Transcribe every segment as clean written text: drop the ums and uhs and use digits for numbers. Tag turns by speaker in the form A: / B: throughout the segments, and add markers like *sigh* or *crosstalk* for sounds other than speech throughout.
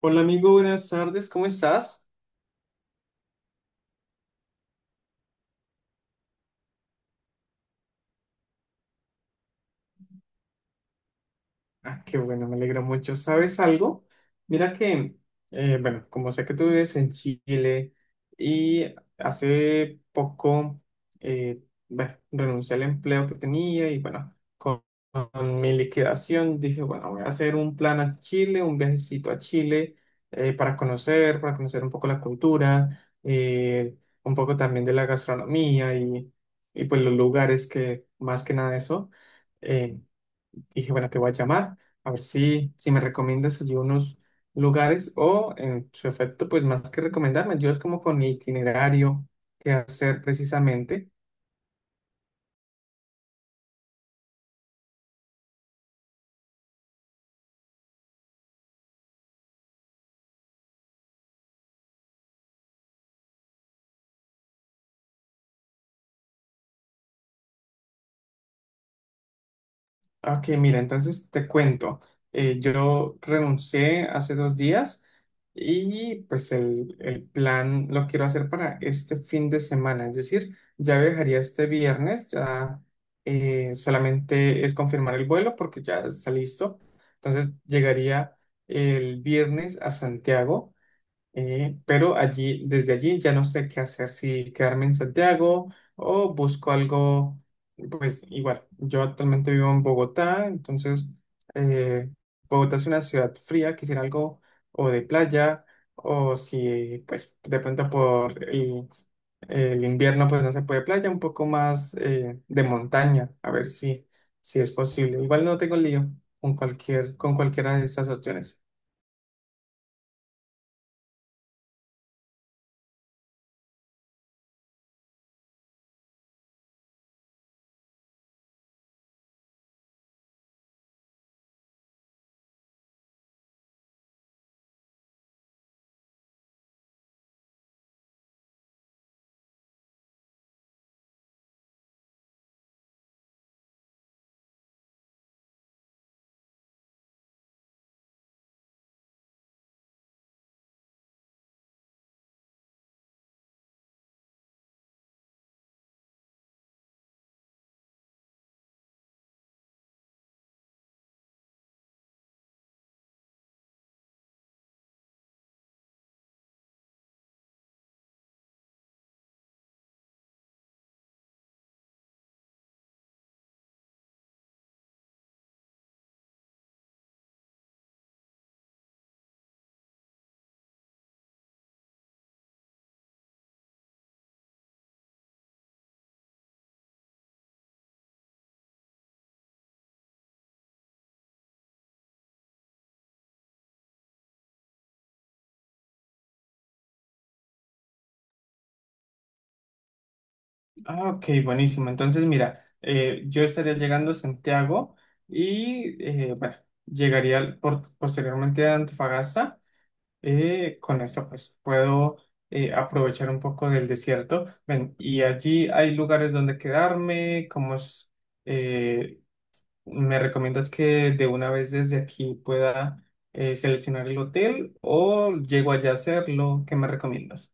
A: Hola amigo, buenas tardes, ¿cómo estás? Ah, qué bueno, me alegra mucho. ¿Sabes algo? Mira que, bueno, como sé que tú vives en Chile y hace poco, eh, bueno, renuncié al empleo que tenía y bueno, con mi liquidación dije, bueno, voy a hacer un plan a Chile, un viajecito a Chile, para conocer un poco la cultura, un poco también de la gastronomía y pues los lugares que, más que nada eso. eh, Dije, bueno, te voy a llamar a ver si me recomiendas allí unos lugares o en su efecto, pues más que recomendarme, yo es como con el itinerario que hacer precisamente. Ok, mira, entonces te cuento. Yo renuncié hace dos días y pues el plan lo quiero hacer para este fin de semana. Es decir, ya viajaría este viernes, ya, solamente es confirmar el vuelo porque ya está listo. Entonces llegaría el viernes a Santiago, pero allí, desde allí ya no sé qué hacer, si quedarme en Santiago o busco algo, pues igual, yo actualmente vivo en Bogotá, entonces, eh, Bogotá es una ciudad fría, quisiera algo o de playa, o si pues de pronto por el invierno pues no se puede playa, un poco más de montaña, a ver si, si es posible. Igual no tengo lío con cualquier, con cualquiera de estas opciones. Ah, ok, buenísimo. Entonces, mira, yo estaría llegando a Santiago y, bueno, llegaría posteriormente a Antofagasta. Con esto, pues, puedo aprovechar un poco del desierto. Ven, y allí hay lugares donde quedarme. ¿Cómo es? eh, ¿Me recomiendas que de una vez desde aquí pueda seleccionar el hotel o llego allá a hacerlo? ¿Qué me recomiendas?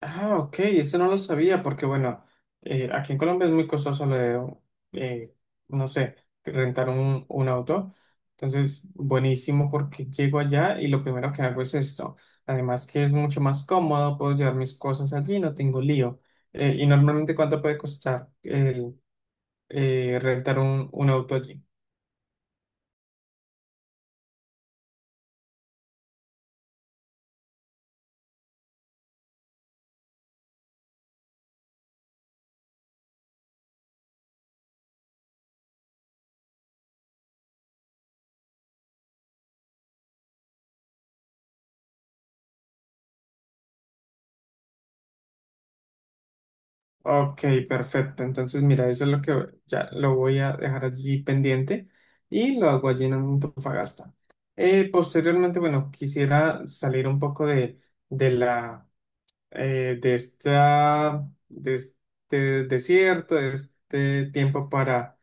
A: Ah, ok, eso no lo sabía porque, bueno, aquí en Colombia es muy costoso lo de, eh, no sé, rentar un auto. Entonces, buenísimo porque llego allá y lo primero que hago es esto. Además que es mucho más cómodo, puedo llevar mis cosas allí, no tengo lío. Y normalmente, ¿cuánto puede costar el rentar un auto allí? Ok, perfecto. Entonces, mira, eso es lo que ya lo voy a dejar allí pendiente y lo hago allí en Antofagasta. Posteriormente, bueno, quisiera salir un poco de la, de esta, de este desierto, de este tiempo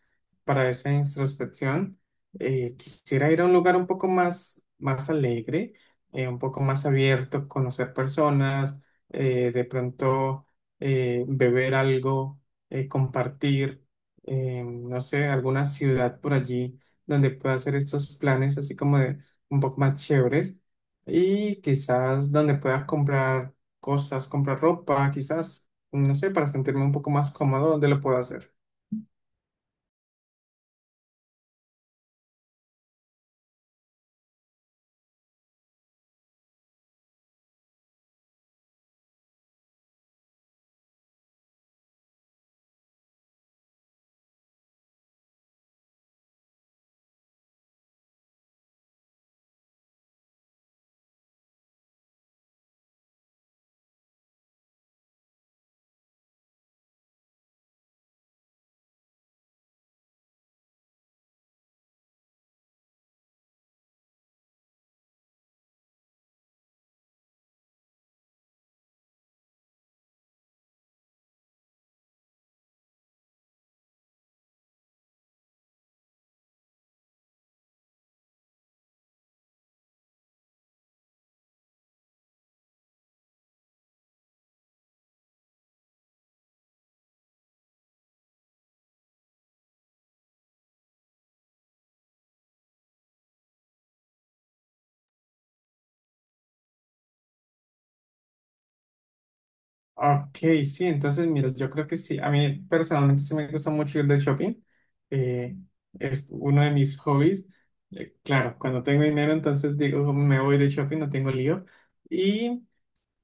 A: para esa introspección. Quisiera ir a un lugar un poco más, más alegre, un poco más abierto, conocer personas, de pronto beber algo, compartir, no sé, alguna ciudad por allí donde pueda hacer estos planes así como de un poco más chéveres y quizás donde pueda comprar cosas, comprar ropa, quizás, no sé, para sentirme un poco más cómodo. ¿Dónde lo puedo hacer? Ok, sí, entonces, mira, yo creo que sí, a mí personalmente sí me gusta mucho ir de shopping, eh, es uno de mis hobbies. Claro, cuando tengo dinero, entonces digo, "Oh, me voy de shopping, no tengo lío", y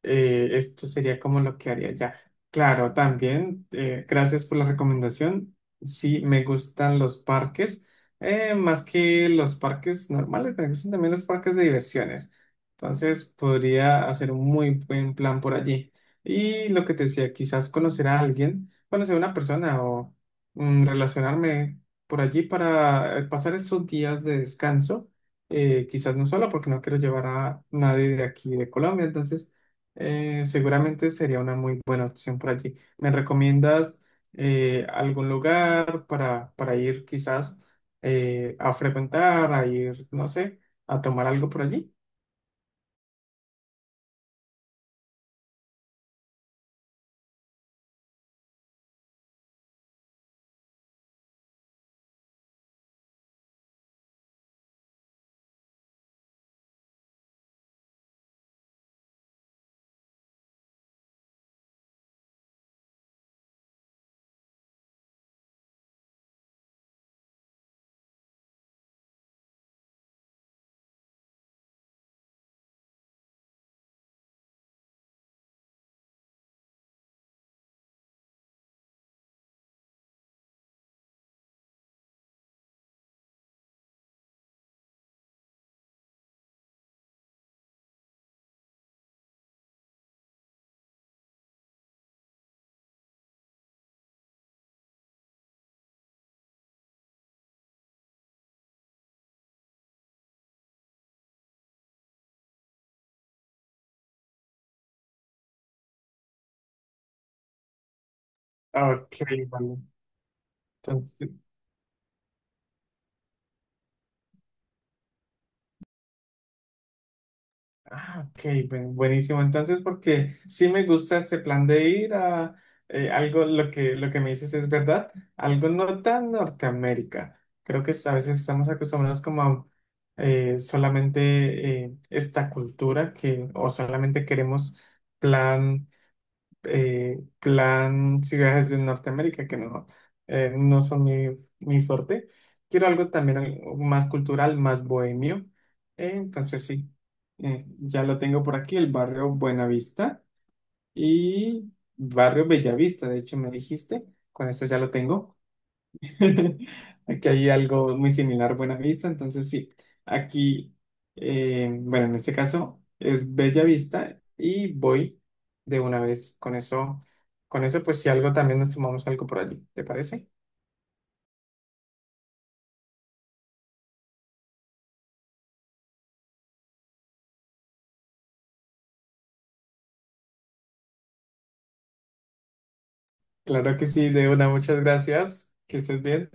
A: Esto sería como lo que haría ya. Claro, también, gracias por la recomendación. Sí, me gustan los parques, más que los parques normales, me gustan también los parques de diversiones. Entonces, podría hacer un muy buen plan por allí. Y lo que te decía, quizás conocer a alguien, conocer a una persona o, relacionarme por allí para pasar esos días de descanso. Quizás no solo porque no quiero llevar a nadie de aquí de Colombia, entonces, seguramente sería una muy buena opción por allí. ¿Me recomiendas algún lugar para ir quizás a frecuentar, a ir, no sé, a tomar algo por allí? Ok, vale. Entonces, ah, ok, buenísimo. Entonces, porque sí me gusta este plan de ir a algo, lo que me dices es verdad, algo no tan Norteamérica. Creo que a veces estamos acostumbrados como a solamente esta cultura que, o solamente queremos plan plan ciudades de Norteamérica, que no, no son mi, mi fuerte. Quiero algo también algo más cultural, más bohemio. Entonces sí, ya lo tengo por aquí, el barrio Buenavista y barrio Bellavista, de hecho me dijiste, con eso ya lo tengo. *laughs* Aquí hay algo muy similar, Buena Vista, entonces sí, aquí, bueno, en este caso es Bella Vista y voy de una vez con eso pues si algo también nos tomamos algo por allí, ¿te parece? Claro que sí, de una, muchas gracias, que estés bien.